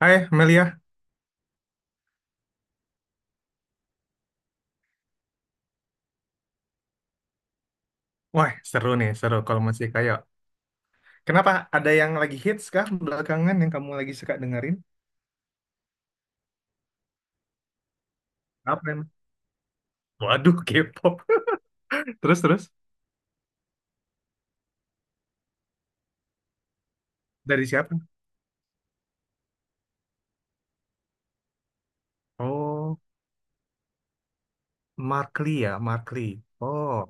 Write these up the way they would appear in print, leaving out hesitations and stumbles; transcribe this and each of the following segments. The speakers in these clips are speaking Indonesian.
Hai Melia, wah seru nih, seru kalau masih kayak. Kenapa ada yang lagi hits kah belakangan yang kamu lagi suka dengerin? Apa yang? Waduh, K-pop. Terus terus dari siapa? Oh, Mark Lee ya, Mark Lee. Oh,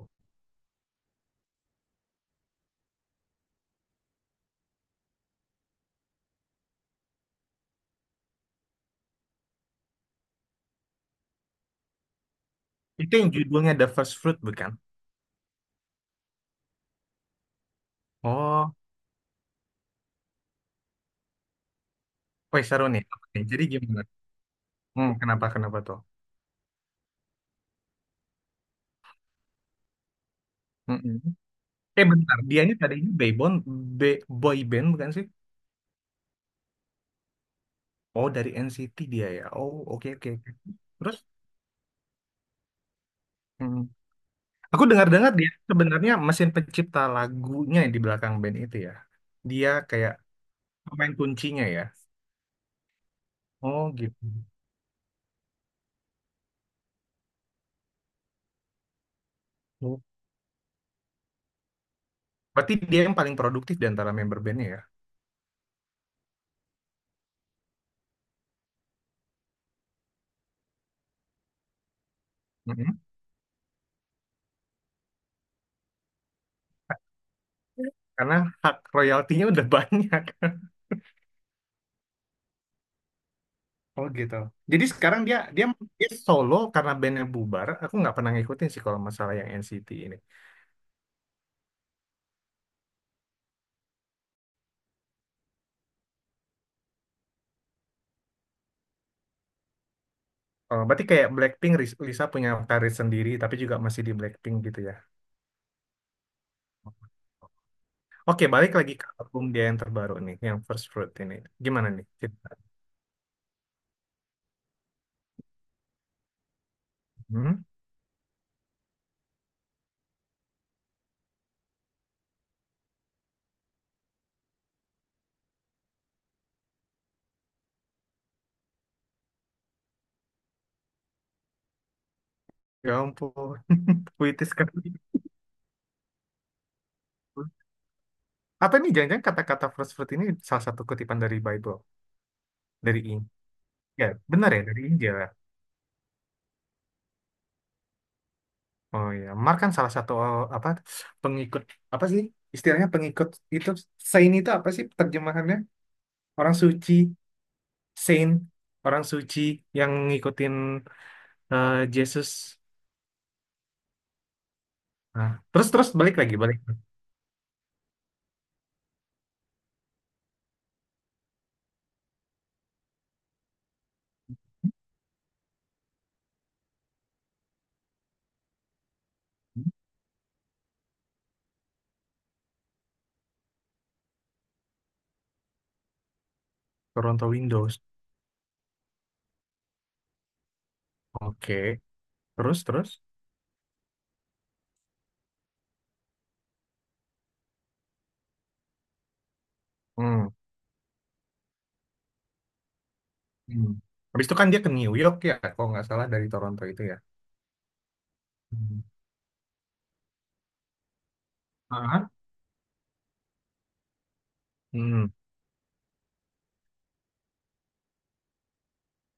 itu yang judulnya The First Fruit bukan? Oh, wah seru nih. Oke, jadi gimana? Hmm, kenapa kenapa tuh? Mm-mm. Eh bentar, dia ini tadinya boyband, boy band bukan sih? Oh, dari NCT dia ya. Oh, oke, oke. Oke. Terus? Aku dengar-dengar dia sebenarnya mesin pencipta lagunya yang di belakang band itu ya. Dia kayak pemain kuncinya ya. Oh gitu. Oh. Berarti dia yang paling produktif di antara member bandnya ya. Mm. Karena hak royaltinya udah banyak. Oh gitu. Jadi sekarang dia dia dia solo karena bandnya bubar. Aku nggak pernah ngikutin sih kalau masalah yang NCT ini. Oh, berarti kayak Blackpink, Lisa punya karir sendiri tapi juga masih di Blackpink gitu ya. Oke, balik lagi ke album dia yang terbaru nih, yang First Fruit ini. Gimana nih? Hmm? Ya ampun, puitis sekali. Apa ini jangan-jangan kata-kata first fruit ini salah satu kutipan dari Bible, dari Injil. Ya, benar ya, dari Injil, ya? Oh ya, Mark kan salah satu apa, pengikut, apa sih? Istilahnya pengikut itu saint itu apa sih terjemahannya? Orang suci, saint, orang suci yang ngikutin Yesus. Nah, terus terus balik lagi, balik. Toronto Windows. Oke, Terus terus. Hmm. Hmm. Habis itu kan dia ke New York ya, kalau nggak salah dari Toronto itu ya. Hmm. Ah. Hmm.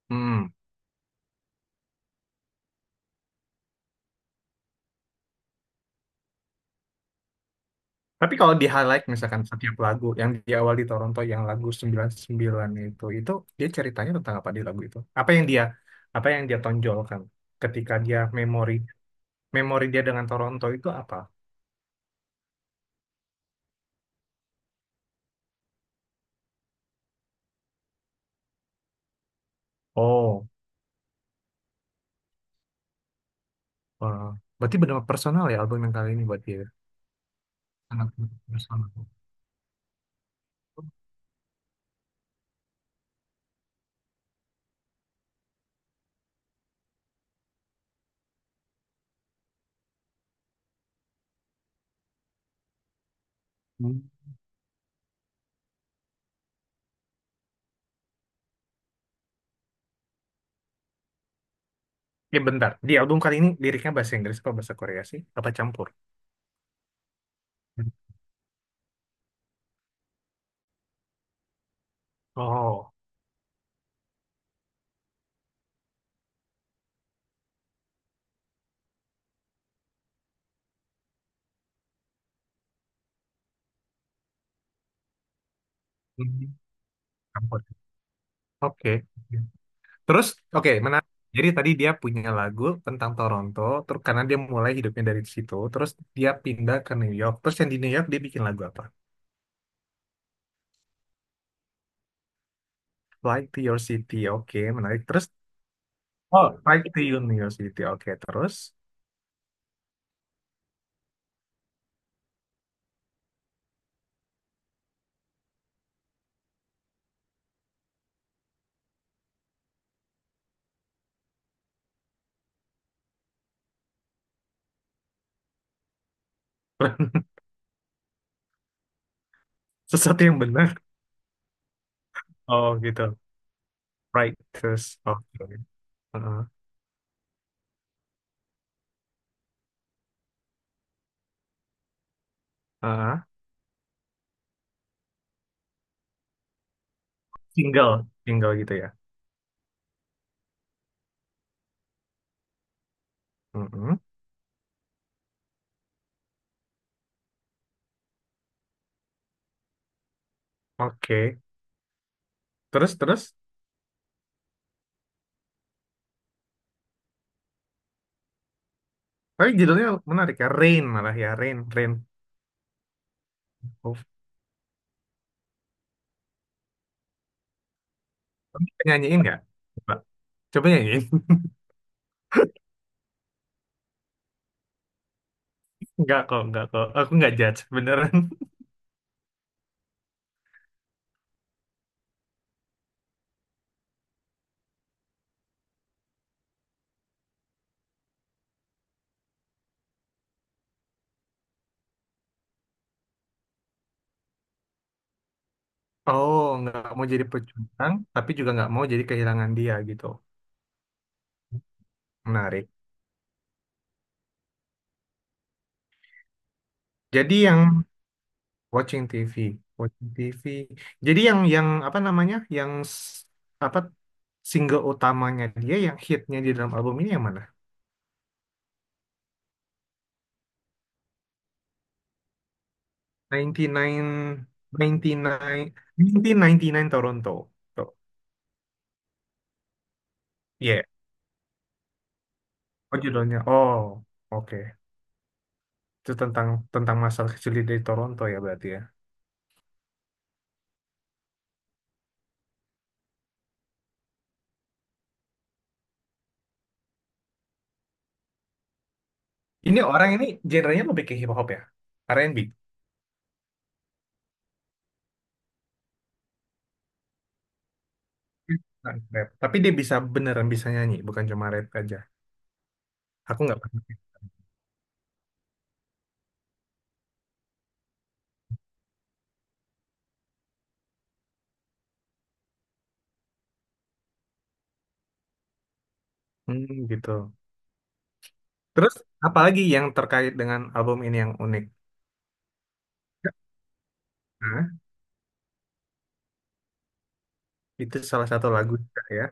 Hmm. Tapi kalau di highlight misalkan setiap lagu yang di awal di Toronto yang lagu sembilan sembilan itu dia ceritanya tentang apa di lagu itu? Apa yang dia tonjolkan ketika dia memori memori dia dengan Toronto itu apa? Oh, wah. Berarti benar personal ya album yang kali ini buat dia. Sangat personal. Hmm. Ya bentar, di album kali ini liriknya bahasa Inggris atau bahasa Korea sih? Apa campur? Oh. Hmm, campur. Oke. Terus, oke, menarik. Jadi tadi dia punya lagu tentang Toronto, terus karena dia mulai hidupnya dari situ, terus dia pindah ke New York. Terus yang di New York dia bikin lagu apa? Fly to Your City, oke, menarik. Terus, oh, Fly to Your New York City, oke, terus. Sesuatu yang benar. Oh, gitu. Right, terus, oke. Heeh, heeh. Single, single gitu ya. Mm. Oke, terus. Tapi judulnya menarik ya, Rain malah ya, Rain, Rain. Kamu bisa nyanyiin nggak? Coba, coba nyanyiin. Nggak kok, nggak kok. Aku nggak judge, beneran. Oh, nggak mau jadi pejuang, tapi juga nggak mau jadi kehilangan dia gitu. Menarik. Jadi yang watching TV, watching TV. Jadi yang apa namanya? Yang apa, single utamanya dia yang hitnya di dalam album ini yang mana? 99 99 1999 Toronto. Tuh. Iya. Oh judulnya. Oh, oke. Itu tentang tentang masa kecil dia dari Toronto ya berarti ya. Ini orang ini genrenya lebih ke hip hop ya, R&B. Bukan Rap. Tapi dia bisa beneran bisa nyanyi, bukan cuma rap aja. Aku nggak pernah. Hmm, gitu. Terus apalagi yang terkait dengan album ini yang unik? Nah, itu salah satu lagu juga ya.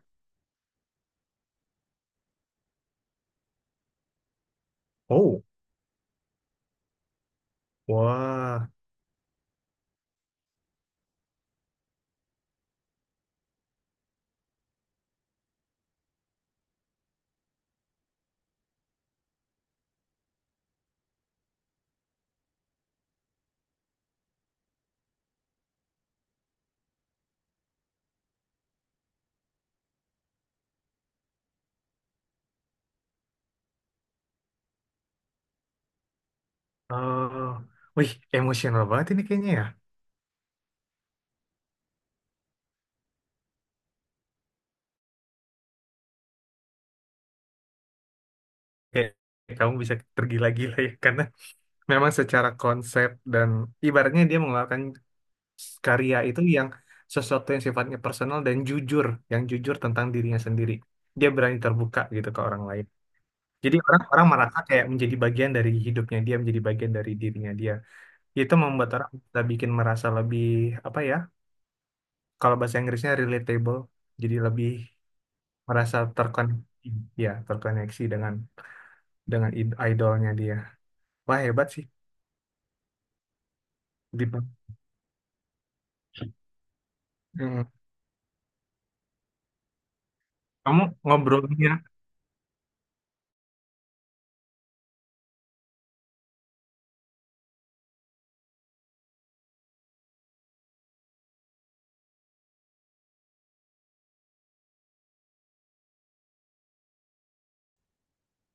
Oh, wah. Eh, wih, emosional banget ini kayaknya ya. Kayak kamu bisa tergila-gila ya karena memang secara konsep dan ibaratnya dia mengeluarkan karya itu yang sesuatu yang sifatnya personal dan jujur, yang jujur tentang dirinya sendiri. Dia berani terbuka gitu ke orang lain. Jadi orang-orang merasa kayak menjadi bagian dari hidupnya dia, menjadi bagian dari dirinya dia. Itu membuat orang bisa bikin merasa lebih apa ya? Kalau bahasa Inggrisnya relatable, jadi lebih merasa terkoneksi, ya terkoneksi dengan idolnya dia. Wah hebat sih, Dipa. Mm. Kamu ngobrolnya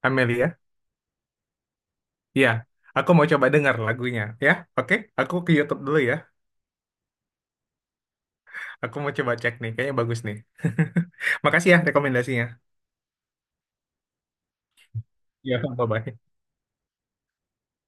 Amelia. Iya, aku mau coba dengar lagunya, ya. Oke, aku ke YouTube dulu ya. Aku mau coba cek nih, kayaknya bagus nih. Makasih ya rekomendasinya. Iya, bye-bye.